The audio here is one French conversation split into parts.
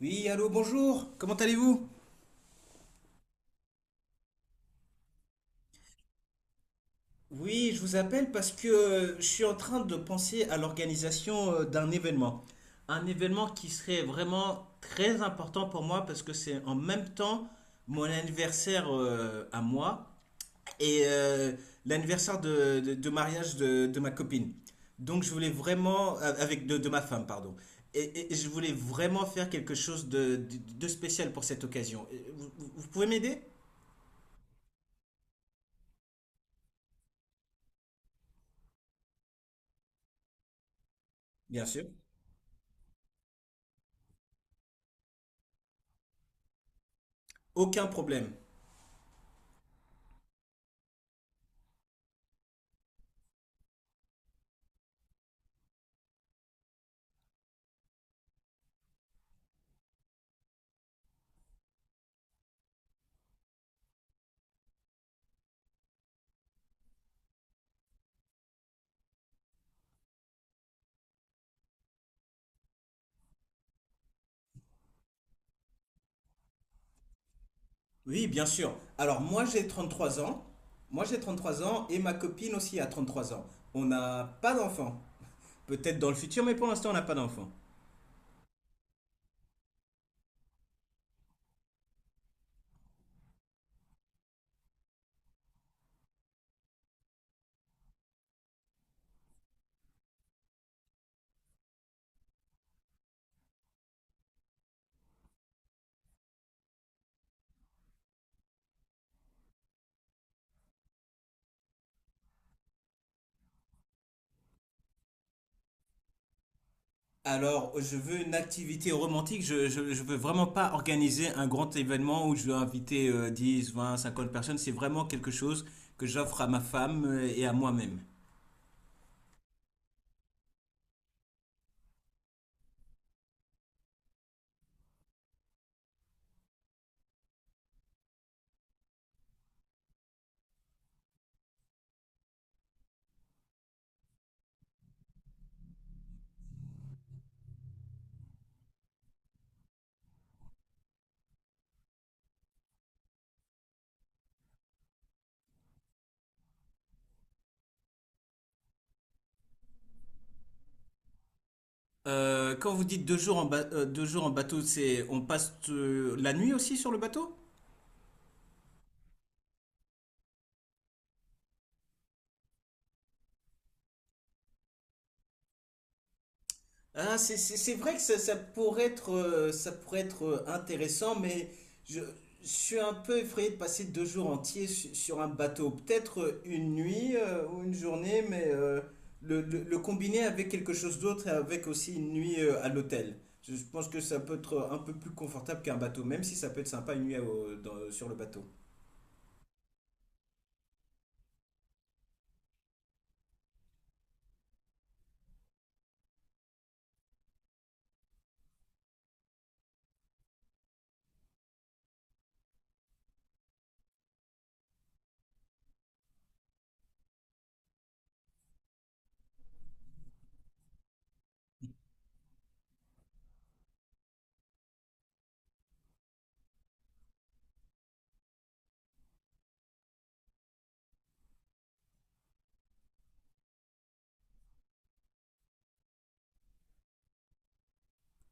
Oui, allô, bonjour, comment allez-vous? Oui, je vous appelle parce que je suis en train de penser à l'organisation d'un événement. Un événement qui serait vraiment très important pour moi parce que c'est en même temps mon anniversaire à moi et l'anniversaire de mariage de ma copine. Donc je voulais vraiment, avec de ma femme, pardon. Et je voulais vraiment faire quelque chose de spécial pour cette occasion. Et vous, vous pouvez m'aider? Bien sûr. Aucun problème. Oui, bien sûr. Alors moi j'ai 33 ans. Moi j'ai 33 ans et ma copine aussi a 33 ans. On n'a pas d'enfant. Peut-être dans le futur, mais pour l'instant on n'a pas d'enfant. Alors je veux une activité romantique. Je veux vraiment pas organiser un grand événement où je vais inviter 10, 20, 50 personnes. C'est vraiment quelque chose que j'offre à ma femme et à moi-même. Quand vous dites deux jours en bateau, c'est on passe la nuit aussi sur le bateau? Ah, c'est vrai que ça, ça pourrait être intéressant, mais je, je suis un peu effrayé de passer deux jours entiers sur un bateau. Peut-être une nuit ou une journée, mais le combiner avec quelque chose d'autre et avec aussi une nuit à l'hôtel. Je pense que ça peut être un peu plus confortable qu'un bateau, même si ça peut être sympa une nuit sur le bateau.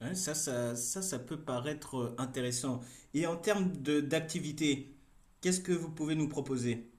Hein, ça peut paraître intéressant. Et en termes de d'activité, qu'est-ce que vous pouvez nous proposer?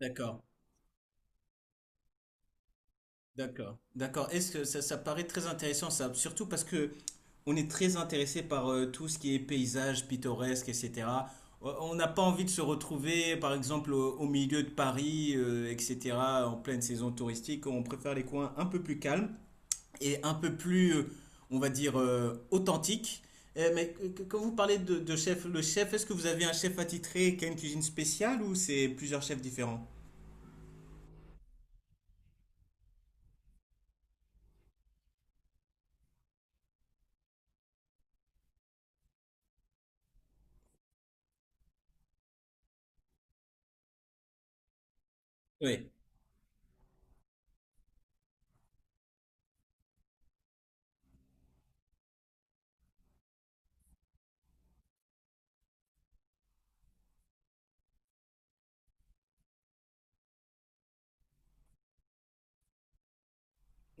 D'accord. D'accord, d'accord. Est-ce que ça paraît très intéressant ça, surtout parce que on est très intéressé par tout ce qui est paysage pittoresque, etc. On n'a pas envie de se retrouver, par exemple, au milieu de Paris, etc. En pleine saison touristique, on préfère les coins un peu plus calmes et un peu plus, on va dire, authentiques. Eh, mais quand vous parlez de chef, le chef, est-ce que vous avez un chef attitré qui a une cuisine spéciale ou c'est plusieurs chefs différents? Oui.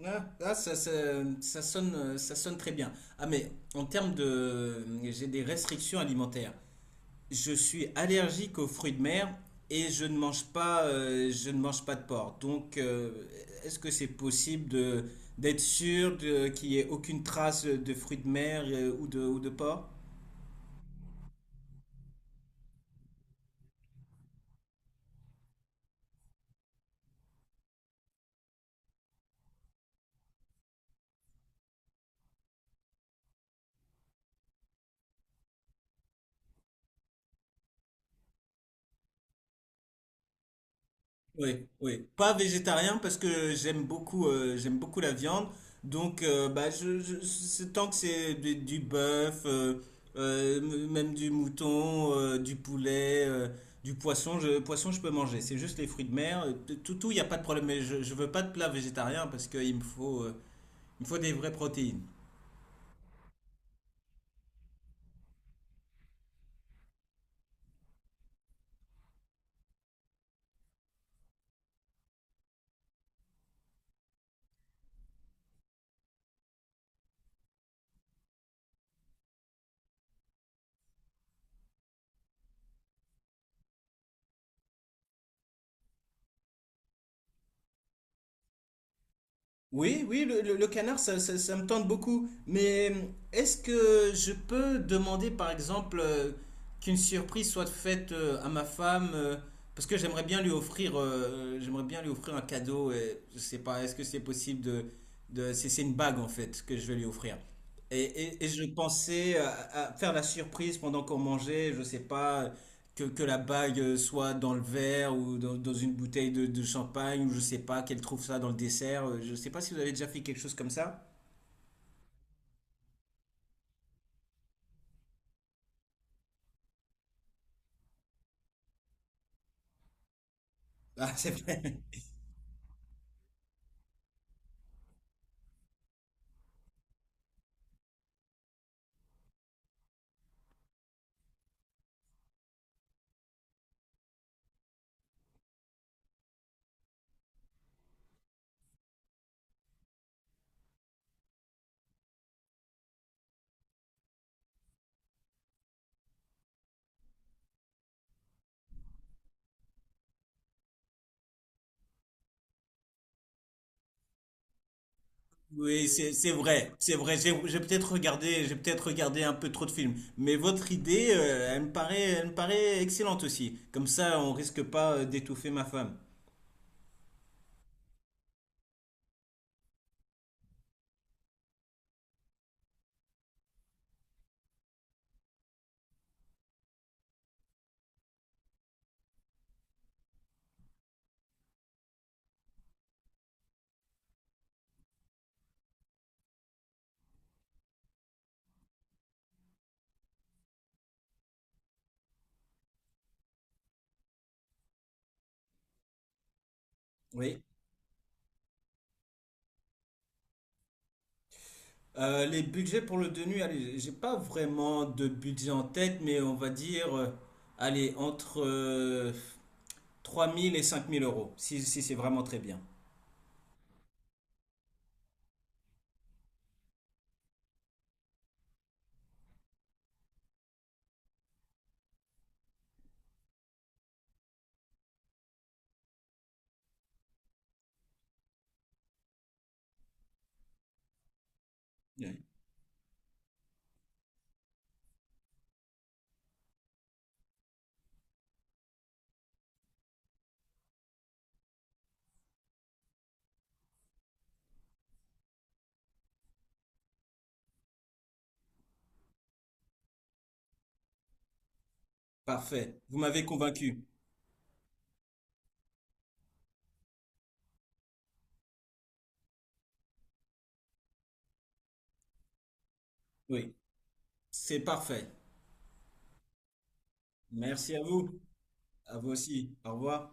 Ah, ça, ça sonne très bien. Ah, mais en termes de... J'ai des restrictions alimentaires. Je suis allergique aux fruits de mer et je ne mange pas de porc. Donc, est-ce que c'est possible d'être sûr qu'il n'y ait aucune trace de fruits de mer ou ou de porc? Oui, oui. Pas végétarien parce que j'aime beaucoup la viande. Donc, tant que c'est du bœuf, même du mouton, du poulet, du poisson, poisson, je peux manger. C'est juste les fruits de mer. Tout, il n'y a pas de problème. Mais je veux pas de plat végétarien parce il me faut des vraies protéines. Oui, oui, le canard, ça, ça me tente beaucoup. Mais est-ce que je peux demander, par exemple, qu'une surprise soit faite à ma femme, parce que j'aimerais bien lui offrir un cadeau. Et je sais pas, est-ce que c'est possible c'est une bague en fait que je vais lui offrir. Et je pensais à faire la surprise pendant qu'on mangeait, je sais pas, que la bague soit dans le verre ou dans une bouteille de champagne, ou je sais pas, qu'elle trouve ça dans le dessert. Je sais pas si vous avez déjà fait quelque chose comme ça. Ah, c'est vrai. Oui, c'est vrai, c'est vrai. J'ai peut-être regardé un peu trop de films, mais votre idée, elle me paraît excellente aussi. Comme ça, on risque pas d'étouffer ma femme. Oui. Les budgets pour le deux nuits, allez, j'ai pas vraiment de budget en tête, mais on va dire, allez, entre 3 000 et cinq mille euros, si c'est vraiment très bien. Oui. Parfait. Vous m'avez convaincu. Oui, c'est parfait. Merci à vous. À vous aussi. Au revoir.